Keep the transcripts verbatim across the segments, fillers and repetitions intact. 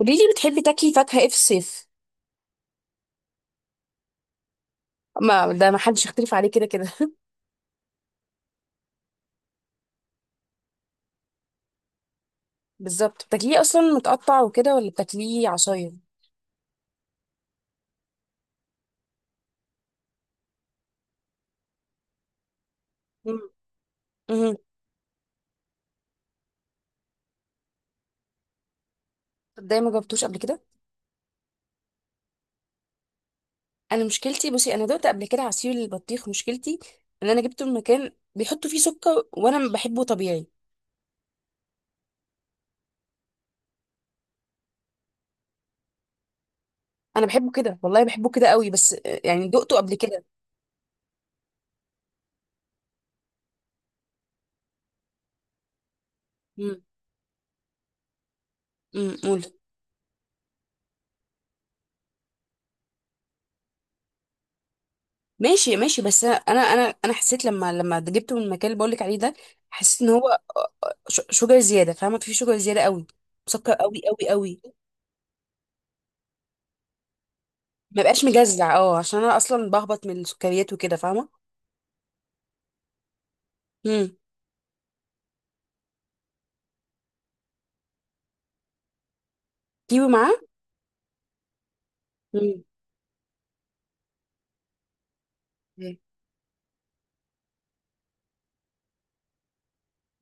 قولي لي بتحبي تاكلي فاكهة ايه في الصيف؟ ما ده ما حدش يختلف عليه كده كده. بالظبط، بتاكليه اصلا متقطع وكده ولا بتاكليه عصاير؟ مم. مم. طب ده ما جربتوش قبل كده؟ انا مشكلتي بصي، انا دقت قبل كده عصير البطيخ. مشكلتي ان انا جبته من مكان بيحطوا فيه سكر وانا بحبه طبيعي. انا بحبه كده، والله بحبه كده قوي، بس آه، يعني دقته قبل كده. امم قولي. ماشي ماشي بس انا انا انا انا حسيت لما لما جبته من المكان اللي بقولك عليه ده، حسيت ان هو ش- شوجر زياده، فاهمه؟ في شوجر زياده قوي، مسكر قوي قوي قوي، ما بقاش مجزع. اه، عشان انا اصلا بهبط من السكريات وكده، فاهمه. امم. كيوي معاه؟ امم.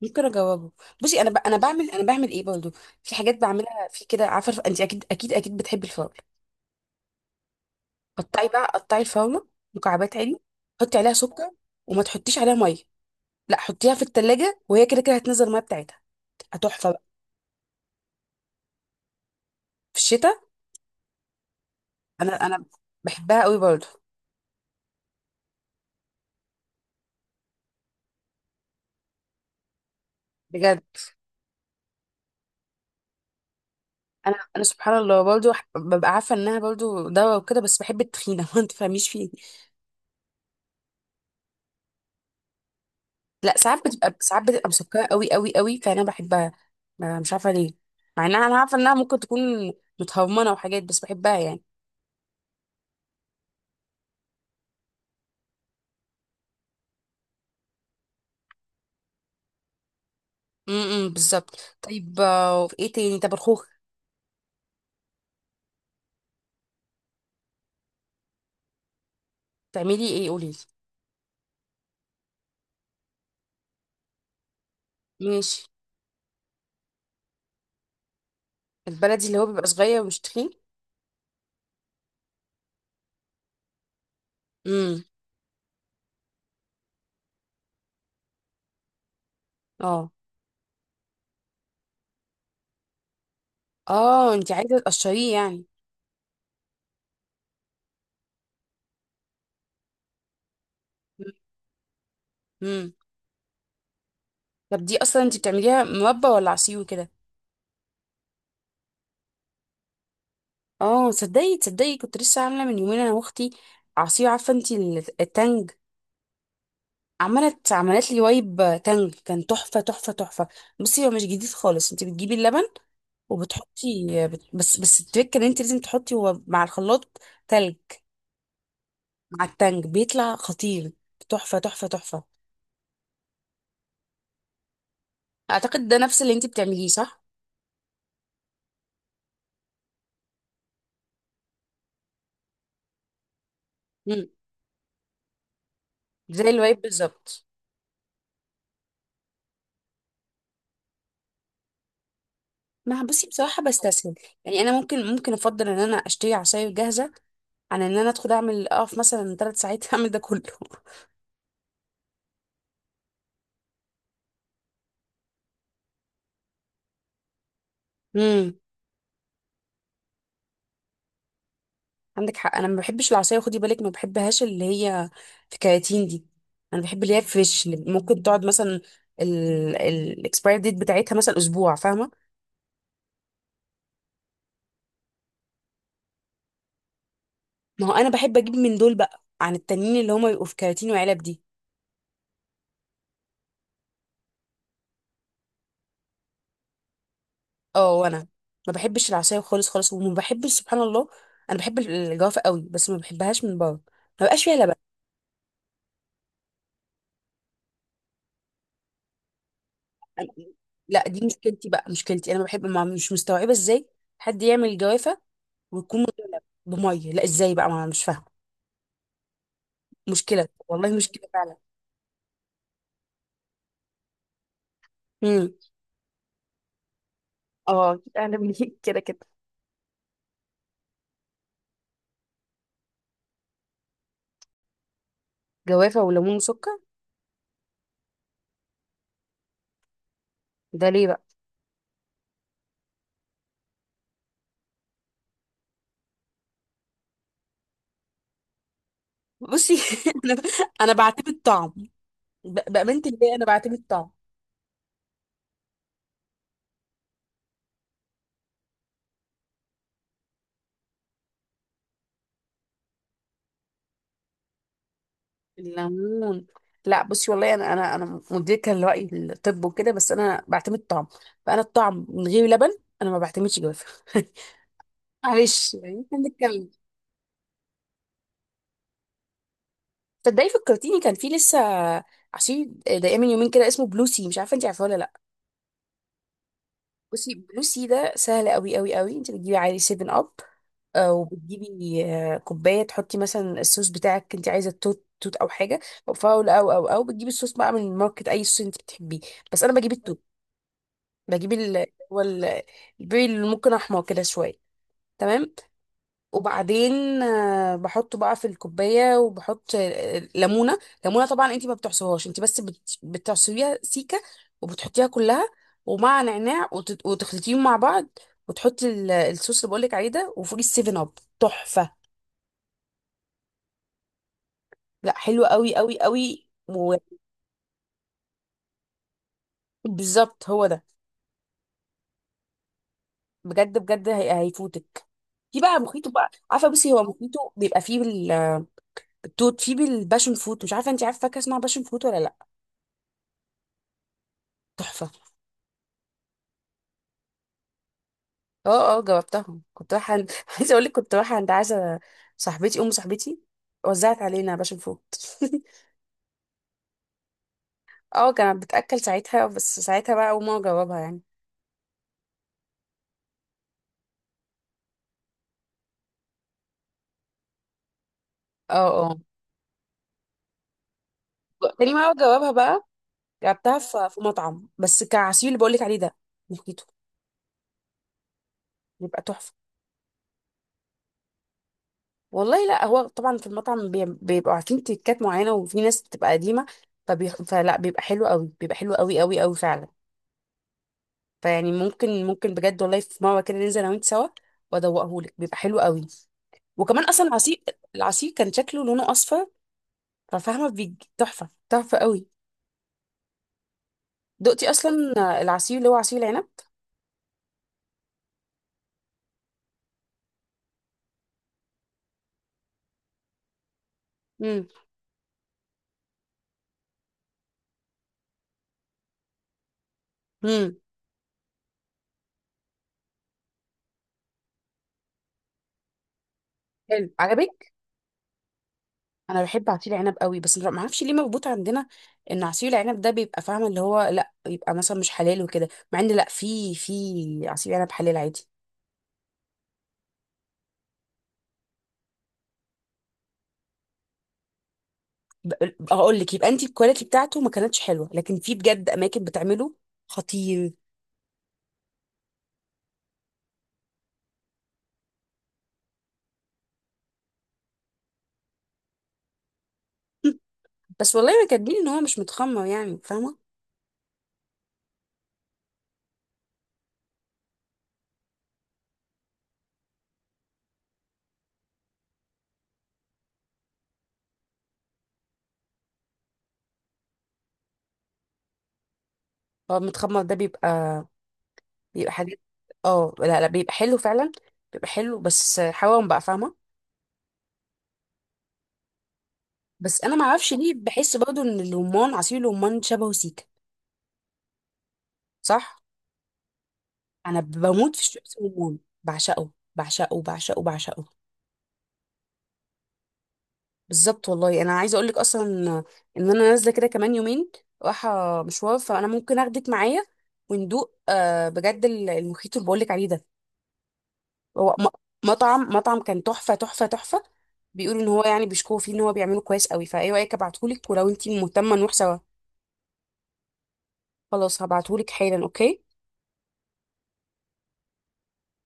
ممكن اجاوبه؟ بصي انا ب... انا بعمل انا بعمل ايه برضه؟ في حاجات بعملها في كده، عارفه، الف- انت اكيد اكيد اكيد بتحبي الفراوله. قطعي بقى، قطعي الفراوله مكعبات عادي. حطي عليها سكر وما تحطيش عليها ميه. لا، حطيها في التلاجة وهي كده كده هتنزل الميه بتاعتها، تحفه بقى. في الشتاء؟ انا انا بحبها قوي برضو. بجد؟ انا انا سبحان الله برضو، ح- ببقى عارفه انها برضو دواء وكده، بس بحب التخينه. ما تفهميش فيه. لا، ساعات بتبقى، ساعات بتبقى مسكره قوي قوي قوي، فانا بحبها. ما- مش عارفه ليه، مع انها انا عارفه انها ممكن تكون متهرمنه وحاجات، بس بحبها يعني. امم إمم، بالظبط. طيب آه، وفي ايه تاني؟ طب الخوخ؟ تعملي ايه؟ قولي لي. ماشي. البلدي اللي هو بيبقى صغير ومش تخين؟ امم. اه اه، انت عايزه تقشريه يعني. مم. طب دي اصلا انت بتعمليها مربى ولا عصير وكده؟ اه، تصدقي تصدقي كنت لسه عامله من يومين انا واختي عصير. عارفه انت ال- التانج؟ عملت عملت لي وايب تانج، كان تحفه تحفه تحفه. بصي، هو مش جديد خالص، انت بتجيبي اللبن وبتحطي، بت- بس بس التريك ان انت لازم تحطي هو مع الخلاط تلج مع التانج، بيطلع خطير. تحفه تحفه تحفه. اعتقد ده نفس اللي انت بتعمليه، صح؟ مم. زي الوايب بالظبط. ما بصي بصراحة بستسهل، يعني أنا ممكن ممكن أفضل إن أنا أشتري عصاير جاهزة عن إن أنا أدخل أعمل أقف مثلا ثلاث ساعات أعمل ده كله. امم. عندك حق، أنا ما بحبش العصاير، خدي بالك، ما بحبهاش اللي هي في كراتين دي. أنا بحب اللي هي فريش، اللي ممكن تقعد مثلا الاكسباير ديت بتاعتها مثلا أسبوع، فاهمة. ما هو أنا بحب أجيب من دول بقى عن التانيين اللي هما بيبقوا في كراتين وعلب دي. اه، وأنا ما بحبش العصاير خالص خالص، وما بحبش سبحان الله. أنا بحب الجوافة قوي، بس ما بحبهاش من بره، ما بقاش فيها لبن. أنا- لا، دي مشكلتي بقى، مشكلتي انا بحب، ما مش مستوعبه ازاي حد يعمل الجوافه ويكون مدلب بميه. لا، ازاي بقى؟ ما أنا مش فاهمه. مشكله والله، مشكله فعلا. امم. اه أكيد، أعلى مني كده كده. جوافه وليمون وسكر. ده ليه بقى؟ بصي. انا انا بعتمد طعم، ب- بامانه الله انا بعتمد طعم. الليمون. لا بصي، والله انا انا انا مدركه لراي الطب وكده، بس انا بعتمد طعم. فانا الطعم من غير لبن، انا ما بعتمدش جوافه. معلش يعني احنا بنتكلم. تصدقي فكرتيني، كان في لسه عصير دقيقة من يومين كده، اسمه بلو سي، مش عارفه انت عارفاه ولا لا. بصي، بلو سي ده سهل قوي قوي قوي، انت بتجيبي عادي سفن اب، آه، وبتجيبي آه، كوبايه تحطي مثلا الصوص بتاعك، انت عايزه توت توت او حاجه، او فاول او او او بتجيبي الصوص بقى من الماركت، اي صوص انت بتحبيه، بس انا بجيب التوت. بجيب ال، هو ال- البيري اللي ممكن احمر كده شويه. تمام. وبعدين آه، بحطه بقى في الكوبايه، وبحط آه، ليمونه. ليمونه طبعا انت ما بتعصرهاش، انت بس بت- بتعصريها سيكه وبتحطيها كلها، ومع نعناع، وت- وتخلطيهم مع بعض، وتحطي ال- الصوص اللي بقولك عليه ده، وفوقيه السيفن اب. تحفه. لا حلو قوي قوي قوي. وبالظبط، هو ده. بجد بجد، هي- هيفوتك. في بقى مخيطه بقى، عارفه، بصي هو مخيطه بيبقى فيه بال- التوت، فيه بالباشن فوت، مش عارفه انت عارفه فاكهه اسمها باشن فوت ولا لا. تحفه. اه اه، جاوبتهم. كنت رايحه عند عايزه اقول لك، كنت رايحه عند عايزه، صاحبتي ام صاحبتي وزعت علينا باشا نفوت. اه، كانت بتاكل ساعتها، بس ساعتها بقى اول مره جاوبها يعني. اه اه، تاني مره جاوبها بقى، جبتها في في مطعم بس كعصير اللي بقول لك عليه ده، نكيته بيبقى تحفه. والله لا، هو طبعا في المطعم بي- بيبقوا عارفين تريكات معينه، وفي ناس بتبقى قديمه، فبي... فلا بيبقى حلو قوي، بيبقى حلو قوي قوي قوي فعلا. فيعني ممكن ممكن بجد والله في مره كده ننزل انا وانت سوا، وادوقهولك بيبقى حلو قوي. وكمان اصلا العصير، العصير كان شكله لونه اصفر، ففاهمه، بيج- تحفه تحفه قوي. دقتي اصلا العصير اللي هو عصير العنب؟ امم. امم. حلو، عجبك. انا بحب عصير العنب قوي، بس ما اعرفش ليه مربوط عندنا ان عصير العنب ده بيبقى، فاهمه، اللي هو لا يبقى مثلا مش حلال وكده، مع ان لا، في في عصير عنب حلال عادي. ب- اقول لك، يبقى انت الكواليتي بتاعته ما كانتش حلوه، لكن في بجد اماكن بتعمله خطير. بس والله ما كاتبين ان هو مش متخمر، يعني فاهمه. هو متخمر ده بيبقى بيبقى حاجات. اه لا لا، بيبقى حلو فعلا، بيبقى حلو، بس حوام بقى، فاهمه. بس انا ما اعرفش ليه بحس برضه ان الرمان، عصير الرمان، شبهه سيكا. صح. انا بموت في الشيبس الرمان. بعشقه بعشقه بعشقه بعشقه. بالظبط والله. انا عايزه اقول لك اصلا، ان انا نازله كده كمان يومين، رايحه مشوار، فانا ممكن اخدك معايا، وندوق آه، بجد المخيط اللي بقول لك عليه ده. هو م- مطعم، مطعم كان تحفة تحفة تحفة. بيقولوا ان هو يعني بيشكوا فيه ان هو بيعمله كويس قوي، فايه رأيك؟ ابعتهولك، ولو انتي مهتمة نروح سوا. خلاص هبعتهولك حالا، اوكي.